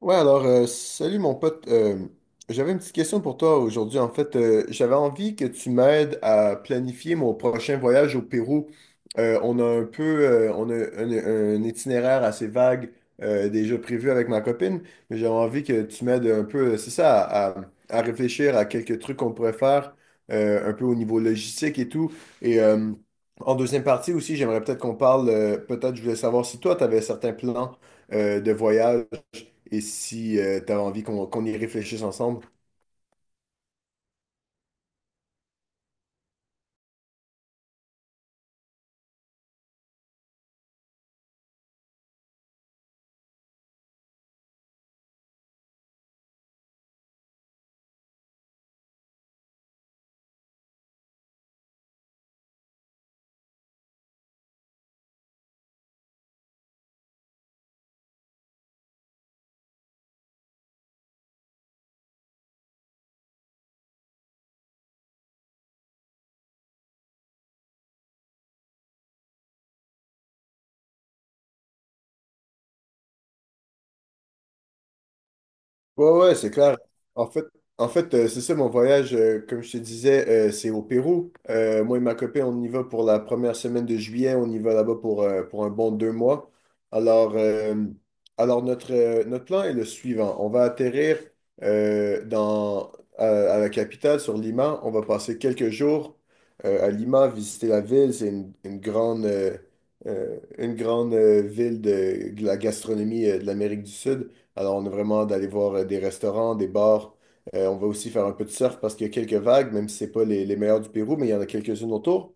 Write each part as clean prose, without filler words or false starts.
Ouais, alors, salut mon pote. J'avais une petite question pour toi aujourd'hui. En fait, j'avais envie que tu m'aides à planifier mon prochain voyage au Pérou. Euh, on a un peu, on a un itinéraire assez vague déjà prévu avec ma copine, mais j'avais envie que tu m'aides un peu, c'est ça, à réfléchir à quelques trucs qu'on pourrait faire un peu au niveau logistique et tout. Et en deuxième partie aussi, j'aimerais peut-être qu'on parle, peut-être je voulais savoir si toi, tu avais certains plans de voyage et si tu as envie qu'on y réfléchisse ensemble. Ouais, ouais, c'est clair. En fait, en fait C'est ça mon voyage, comme je te disais, c'est au Pérou. Moi et ma copine, on y va pour la première semaine de juillet. On y va là-bas pour un bon deux mois. Alors, euh, alors notre, notre plan est le suivant. On va atterrir euh, dans, à la capitale, sur Lima. On va passer quelques jours à Lima, visiter la ville. C'est une grande, une grande ville de la gastronomie de l'Amérique du Sud. Alors, on a vraiment d'aller voir des restaurants, des bars. On va aussi faire un peu de surf parce qu'il y a quelques vagues, même si c'est pas les meilleures du Pérou, mais il y en a quelques-unes autour.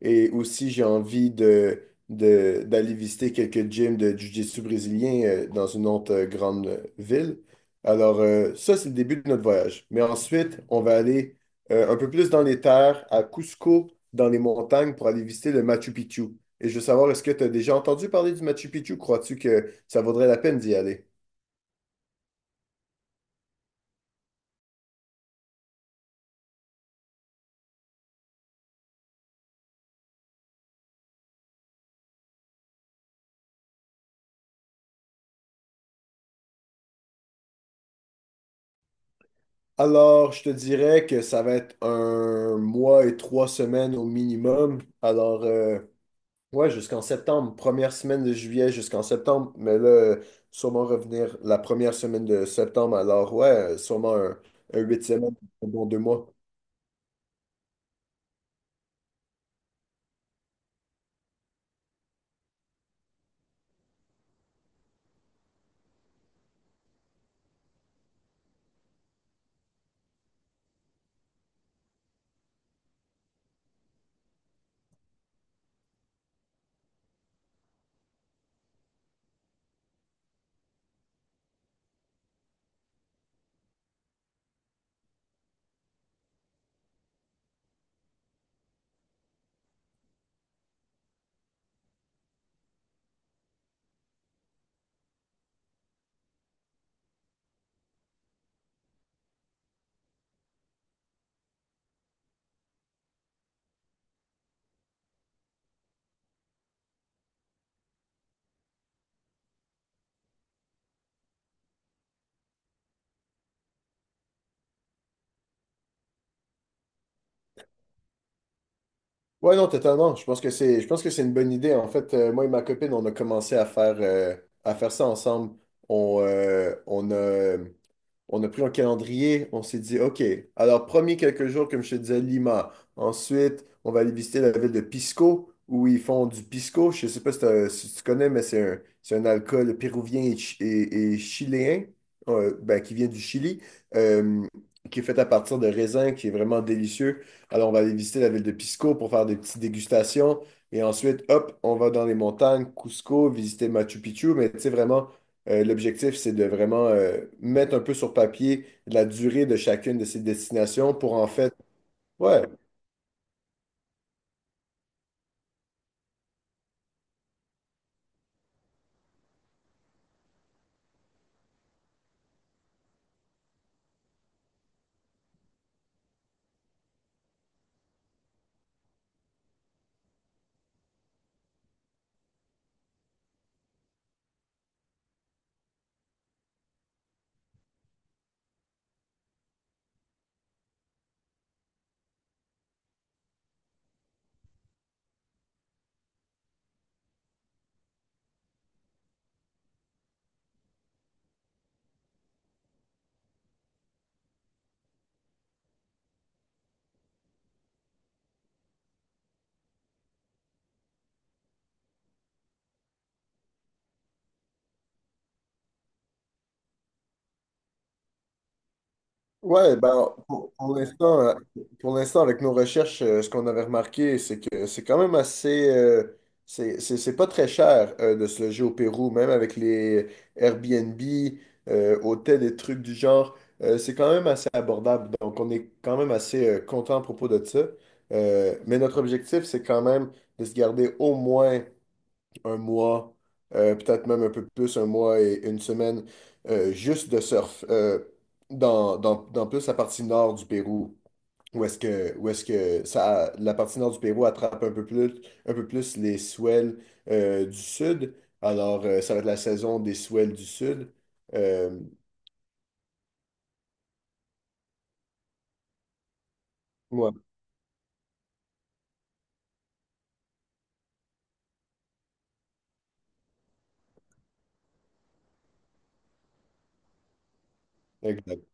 Et aussi, j'ai envie d'aller visiter quelques gyms de jiu-jitsu brésilien dans une autre grande ville. Alors, ça, c'est le début de notre voyage. Mais ensuite, on va aller un peu plus dans les terres, à Cusco, dans les montagnes, pour aller visiter le Machu Picchu. Et je veux savoir, est-ce que tu as déjà entendu parler du Machu Picchu? Crois-tu que ça vaudrait la peine d'y aller? Alors, je te dirais que ça va être un mois et trois semaines au minimum. Alors, ouais, jusqu'en septembre, première semaine de juillet jusqu'en septembre, mais là, sûrement revenir la première semaine de septembre. Alors, ouais, sûrement un huit semaines, un bon deux mois. Ouais, non, totalement. Je pense que c'est, je pense que c'est une bonne idée. En fait, moi et ma copine, on a commencé à faire ça ensemble. On, euh, on a, on a pris un calendrier. On s'est dit, OK, alors, premier quelques jours, comme je te disais, Lima. Ensuite, on va aller visiter la ville de Pisco, où ils font du pisco. Je sais pas si, t'as- si tu connais, mais c'est un alcool péruvien et chiléen, ben, qui vient du Chili, euh, qui est fait à partir de raisins, qui est vraiment délicieux. Alors, on va aller visiter la ville de Pisco pour faire des petites dégustations. Et ensuite, hop, on va dans les montagnes, Cusco, visiter Machu Picchu. Mais tu sais, vraiment, l'objectif, c'est de vraiment mettre un peu sur papier la durée de chacune de ces destinations pour en fait, ouais. Ouais, ben, pour l'instant, avec nos recherches, ce qu'on avait remarqué, c'est que c'est quand même assez. C'est pas très cher de se loger au Pérou, même avec les Airbnb, hôtels et trucs du genre. C'est quand même assez abordable. Donc, on est quand même assez content à propos de ça. Mais notre objectif, c'est quand même de se garder au moins un mois, peut-être même un peu plus, un mois et une semaine, juste de surf, dans plus la partie nord du Pérou, où où est-ce que ça, la partie nord du Pérou attrape un peu plus les swells du sud. Alors, ça va être la saison des swells du sud. Euh, ouais, exact.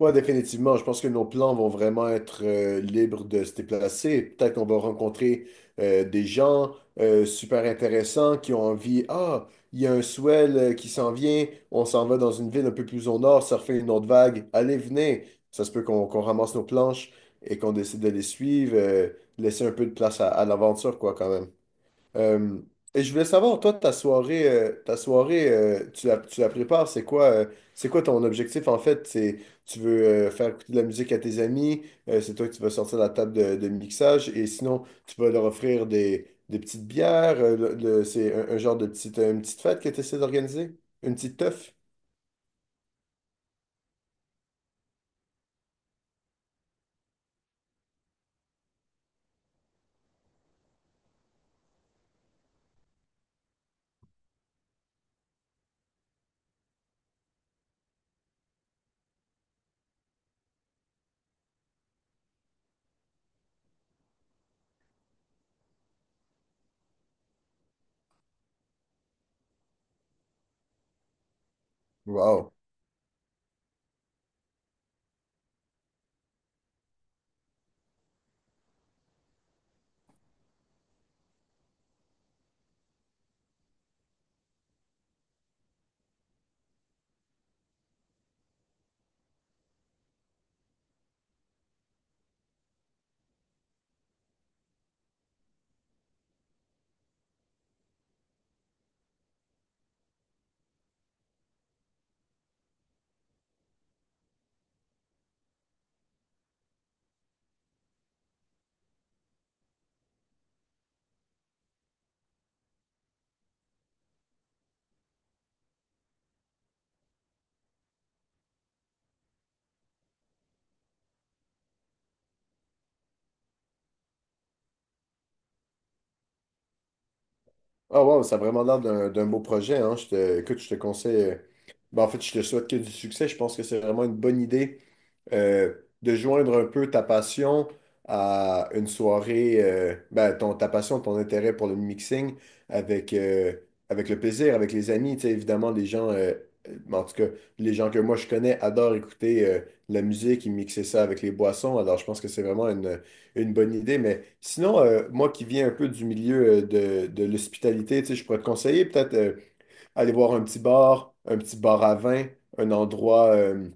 Ouais, définitivement. Je pense que nos plans vont vraiment être libres de se déplacer. Peut-être qu'on va rencontrer des gens super intéressants qui ont envie. Ah, il y a un swell qui s'en vient. On s'en va dans une ville un peu plus au nord, surfer une autre vague. Allez, venez. Ça se peut qu'on ramasse nos planches et qu'on décide de les suivre. Laisser un peu de place à l'aventure, quoi, quand même. Euh, et je voulais savoir, toi, ta soirée, tu la prépares, c'est quoi ton objectif en fait? C'est, tu veux faire écouter de la musique à tes amis, c'est toi qui vas sortir la table de mixage, et sinon, tu vas leur offrir des petites bières, c'est un genre de petite, une petite fête que tu essaies d'organiser? Une petite teuf? Wow! Ah wow, ça a vraiment l'air d'un beau projet, hein. Je te, écoute, je te conseille. Ben, en fait, je te souhaite que du succès. Je pense que c'est vraiment une bonne idée euh, de joindre un peu ta passion à une soirée, ben, ta passion, ton intérêt pour le mixing avec, avec le plaisir, avec les amis. Tu sais, évidemment, les gens, en tout cas, les gens que moi je connais adorent écouter la musique et mixer ça avec les boissons. Alors, je pense que c'est vraiment une bonne idée, mais sinon, moi qui viens un peu du milieu de l'hospitalité, tu sais, je pourrais te conseiller peut-être aller voir un petit bar à vin, un endroit, euh,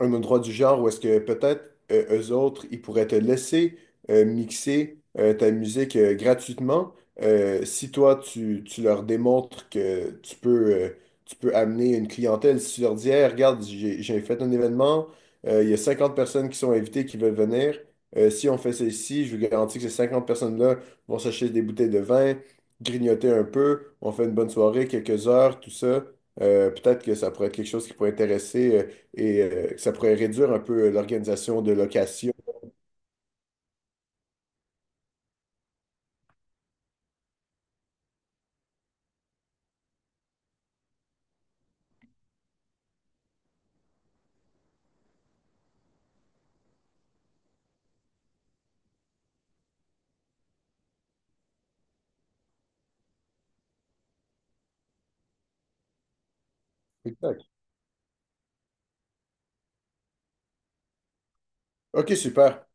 un endroit du genre où est-ce que peut-être eux autres, ils pourraient te laisser mixer ta musique gratuitement si toi, tu leur démontres que tu peux amener une clientèle. Si tu leur dis, Hey, regarde, j'ai fait un événement, il y a 50 personnes qui sont invitées qui veulent venir. Si on fait ceci, je vous garantis que ces 50 personnes-là vont s'acheter des bouteilles de vin, grignoter un peu, on fait une bonne soirée, quelques heures, tout ça. Peut-être que ça pourrait être quelque chose qui pourrait intéresser. Et ça pourrait réduire un peu l'organisation de location. Exact. OK, super.